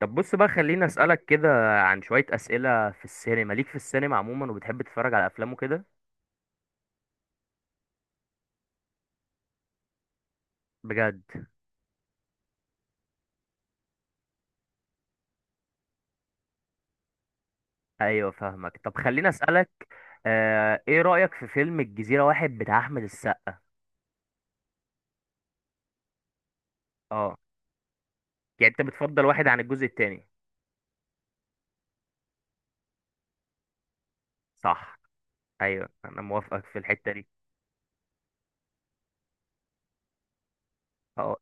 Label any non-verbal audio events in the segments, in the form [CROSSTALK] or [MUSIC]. طب بص بقى، خليني اسالك كده عن شويه اسئله في السينما ليك. في السينما عموما، وبتحب تتفرج على افلام وكده؟ بجد؟ ايوه فاهمك. طب خليني اسالك، ايه رايك في فيلم الجزيره واحد بتاع احمد السقا؟ اه، يعني انت بتفضل واحد عن الجزء التاني؟ صح. ايوه انا موافقك في الحته دي. اه.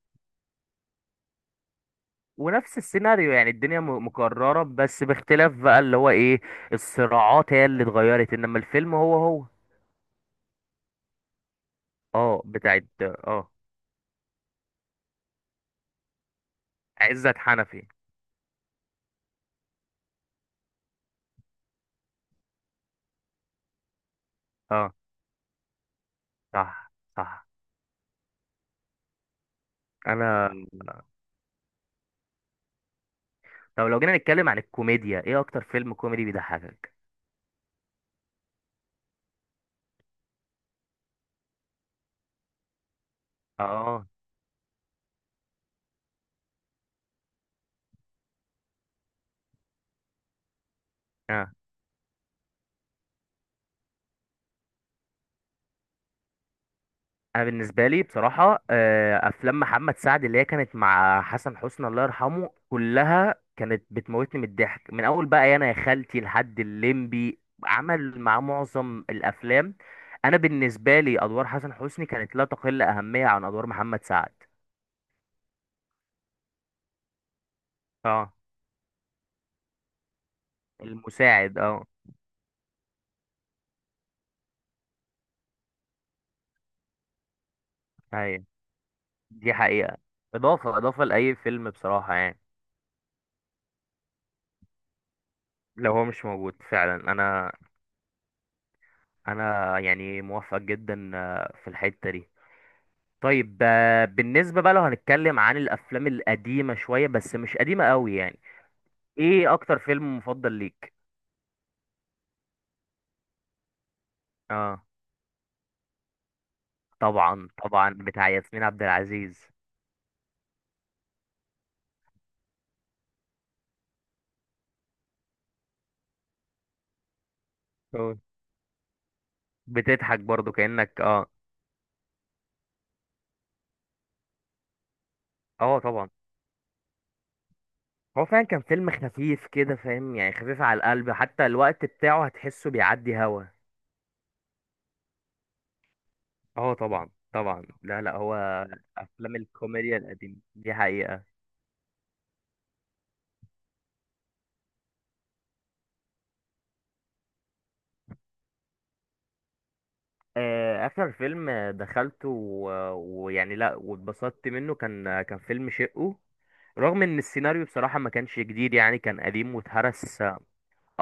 ونفس السيناريو، يعني الدنيا مكرره، بس باختلاف بقى اللي هو ايه؟ الصراعات هي اللي اتغيرت، انما الفيلم هو هو. اه بتاعت، عزت حنفي. اه. صح صح. انا طب لو جينا نتكلم عن الكوميديا، ايه اكتر فيلم كوميدي بيضحكك؟ اه اه. انا بالنسبه لي بصراحه، افلام محمد سعد اللي هي كانت مع حسن حسني الله يرحمه، كلها كانت بتموتني من الضحك، من اول بقى انا يا خالتي لحد الليمبي، عمل مع معظم الافلام. انا بالنسبه لي ادوار حسن حسني كانت لا تقل اهميه عن ادوار محمد سعد. اه، المساعد. اه ايوه، دي حقيقه، اضافه اضافه لاي فيلم بصراحه يعني. لو هو مش موجود فعلا. انا يعني موافق جدا، في الحتة دي. طيب بالنسبة بقى لو هنتكلم عن الافلام القديمة شوية، بس مش قديمة قوي يعني، ايه اكتر فيلم مفضل ليك؟ اه طبعا طبعا، بتاع ياسمين عبد العزيز. اه بتضحك برضو كأنك اه. اه طبعا. هو فعلا كان فيلم خفيف كده، فاهم يعني، خفيف على القلب، حتى الوقت بتاعه هتحسه بيعدي هوا. اه طبعا طبعا، لا لا، هو افلام الكوميديا القديمة دي حقيقة. اخر فيلم دخلته ويعني لا، واتبسطت منه، كان فيلم شقه. رغم ان السيناريو بصراحة ما كانش جديد، يعني كان قديم واتهرس، آه،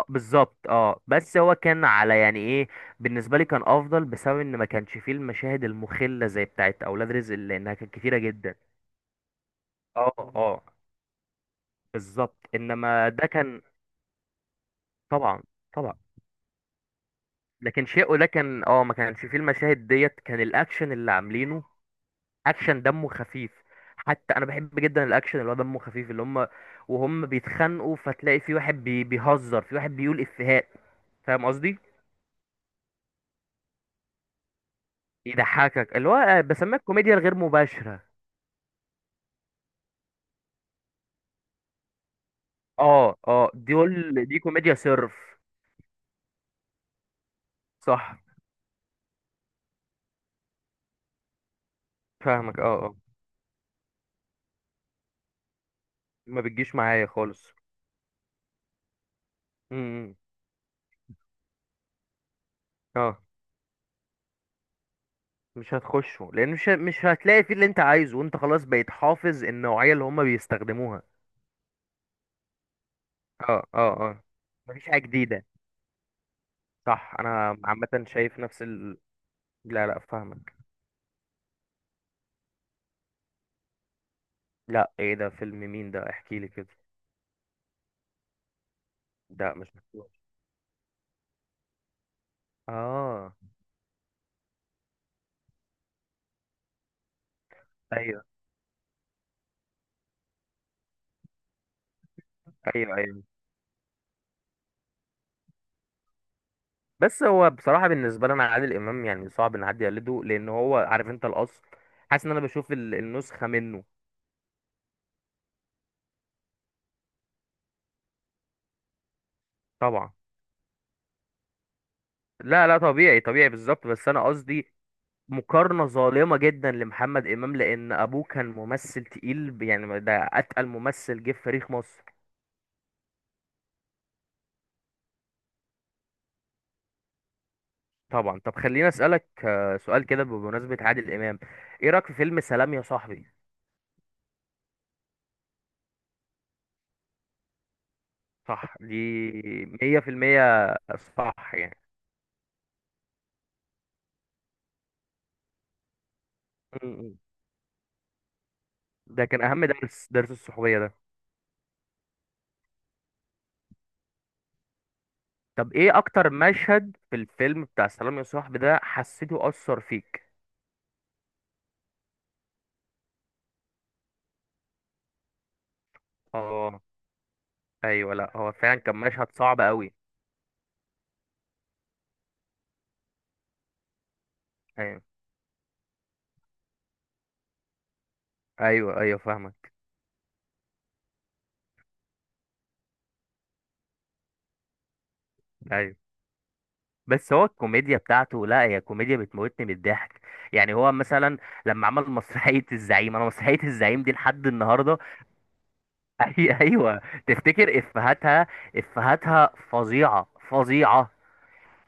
بالظبط. اه بس هو كان على يعني ايه، بالنسبة لي كان افضل بسبب ان ما كانش فيه المشاهد المخلة زي بتاعت اولاد رزق اللي انها كانت كتيرة جدا. اه اه بالظبط. انما ده كان طبعا طبعا، لكن شقه ده كان اه، ما كانش فيه المشاهد ديت، كان الاكشن اللي عاملينه اكشن دمه خفيف. حتى انا بحب جدا الاكشن اللي هو دمه خفيف، اللي هم وهم بيتخانقوا فتلاقي في واحد بيهزر في واحد بيقول افيهات، فاهم قصدي. يضحكك اللي هو، بسميها الكوميديا الغير مباشرة. اه اه، دي قول، دي كوميديا صرف. صح فاهمك. اه اه، ما بتجيش معايا خالص. امم. اه، مش هتخشه، لان مش مش هتلاقي فيه اللي انت عايزه، وانت خلاص بقيت حافظ النوعية اللي هم بيستخدموها. اه اه اه، مفيش حاجة جديدة. صح، انا عامة شايف نفس ال. لا لا فاهمك. لا، ايه ده فيلم مين ده؟ احكي لي كده. ده مش مشهور. اه. ايوه ايوه ايوه. بس هو بصراحه بالنسبه لي انا، عادل امام يعني صعب ان حد يقلده، لان هو عارف انت الاصل. حاسس ان انا بشوف النسخه منه. طبعا. لا لا، طبيعي طبيعي، بالظبط، بس انا قصدي مقارنه ظالمه جدا لمحمد امام، لان ابوه كان ممثل تقيل، يعني ده اتقل ممثل جه في تاريخ مصر. طبعا. طب خليني اسالك سؤال كده بمناسبه عادل امام، ايه رايك في فيلم سلام يا صاحبي؟ صح، دي مية في المية. صح يعني. م- ده كان أهم درس، درس الصحوبية ده. طب إيه أكتر مشهد في الفيلم بتاع سلام يا صاحبي ده حسيته أثر فيك؟ اه أيوه، لأ هو فعلا كان مشهد صعب أوي. أيوه أيوه أيوه فاهمك. أيوه، بس هو الكوميديا بتاعته، لأ هي كوميديا بتموتني من الضحك. يعني هو مثلا لما عمل مسرحية الزعيم، أنا مسرحية الزعيم دي لحد النهاردة [LAUGHS] أي أيوه. تفتكر إفهاتها، إفهاتها فظيعة فظيعة.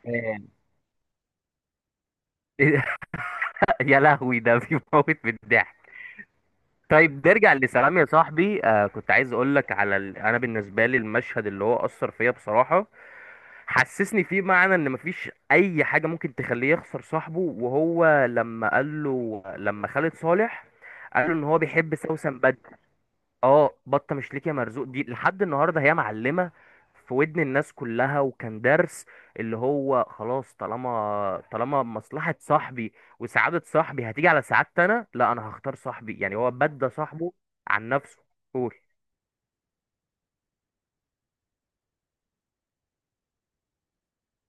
آه، [LAUGHS] يا لهوي، ده بيموت بالضحك. طيب نرجع لسلام يا صاحبي، كنت عايز اقول لك على انا بالنسبه لي المشهد اللي هو اثر فيا بصراحه، حسسني فيه معنى ان مفيش اي حاجه ممكن تخليه يخسر صاحبه، وهو لما قال له لما خالد صالح قال له ان هو بيحب سوسن. اه، بطه مش ليك يا مرزوق، دي لحد النهارده هي معلمه في ودن الناس كلها. وكان درس، اللي هو خلاص طالما طالما مصلحه صاحبي وسعاده صاحبي هتيجي على سعادتي انا، لا، انا هختار صاحبي. يعني هو بدى صاحبه عن نفسه. قول،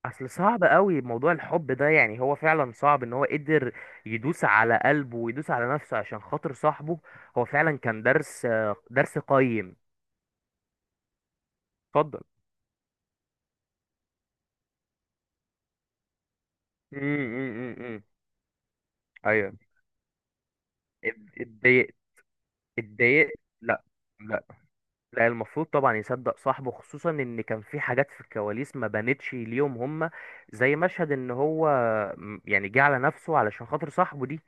اصل صعب قوي موضوع الحب ده، يعني هو فعلا صعب ان هو قدر يدوس على قلبه ويدوس على نفسه عشان خاطر صاحبه. هو فعلا كان درس، درس قيم. اتفضل. امم. ايوه، اتضايقت. لا. لا. لا، المفروض طبعا يصدق صاحبه، خصوصا ان كان في حاجات في الكواليس ما بانتش ليهم هما. زي مشهد ان هو يعني جه على نفسه علشان خاطر صاحبه دي،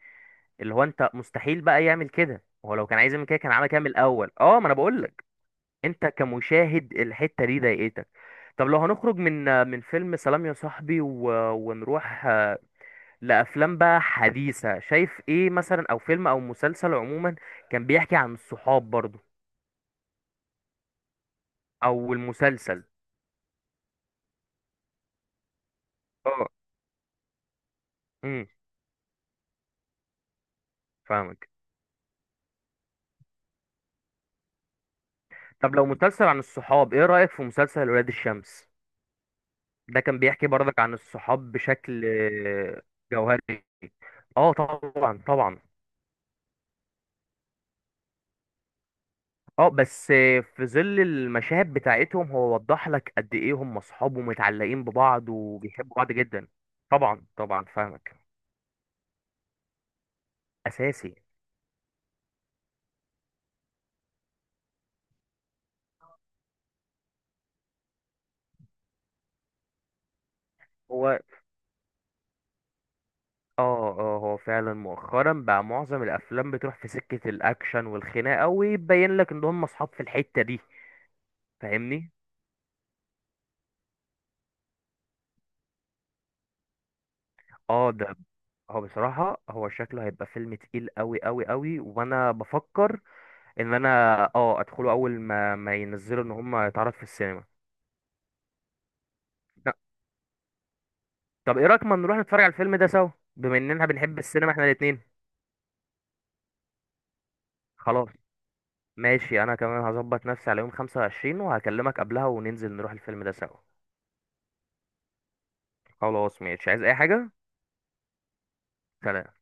اللي هو انت مستحيل بقى يعمل كده، هو لو كان عايز يعمل كده كان عمل كده من الاول. اه، ما انا بقول لك. انت كمشاهد الحتة دي ضايقتك. طب لو هنخرج من فيلم سلام يا صاحبي ونروح لافلام بقى حديثة، شايف ايه مثلا، او فيلم او مسلسل عموما كان بيحكي عن الصحاب برضه، او المسلسل؟ اه. امم فاهمك. طب لو مسلسل عن الصحاب، ايه رأيك في مسلسل ولاد الشمس؟ ده كان بيحكي برضك عن الصحاب بشكل جوهري. اه طبعا طبعا. اه بس في ظل المشاهد بتاعتهم هو وضح لك قد ايه هم اصحاب ومتعلقين ببعض وبيحبوا بعض جدا. طبعا طبعا فاهمك. اساسي. هو اه اه، هو فعلا مؤخرا بقى معظم الافلام بتروح في سكة الاكشن والخناقة، ويبين لك ان هم اصحاب في الحتة دي. فاهمني. اه ده. هو بصراحة، هو شكله هيبقى فيلم تقيل قوي قوي قوي، وانا بفكر ان انا اه ادخله اول ما ينزلوا، ان هم يتعرض في السينما. لا. طب ايه رأيك ما نروح نتفرج على الفيلم ده سوا، بما اننا بنحب السينما احنا الاتنين. خلاص ماشي، انا كمان هظبط نفسي على يوم 25 وهكلمك قبلها وننزل نروح الفيلم ده سوا. خلاص ماشي، عايز اي حاجة؟ سلام.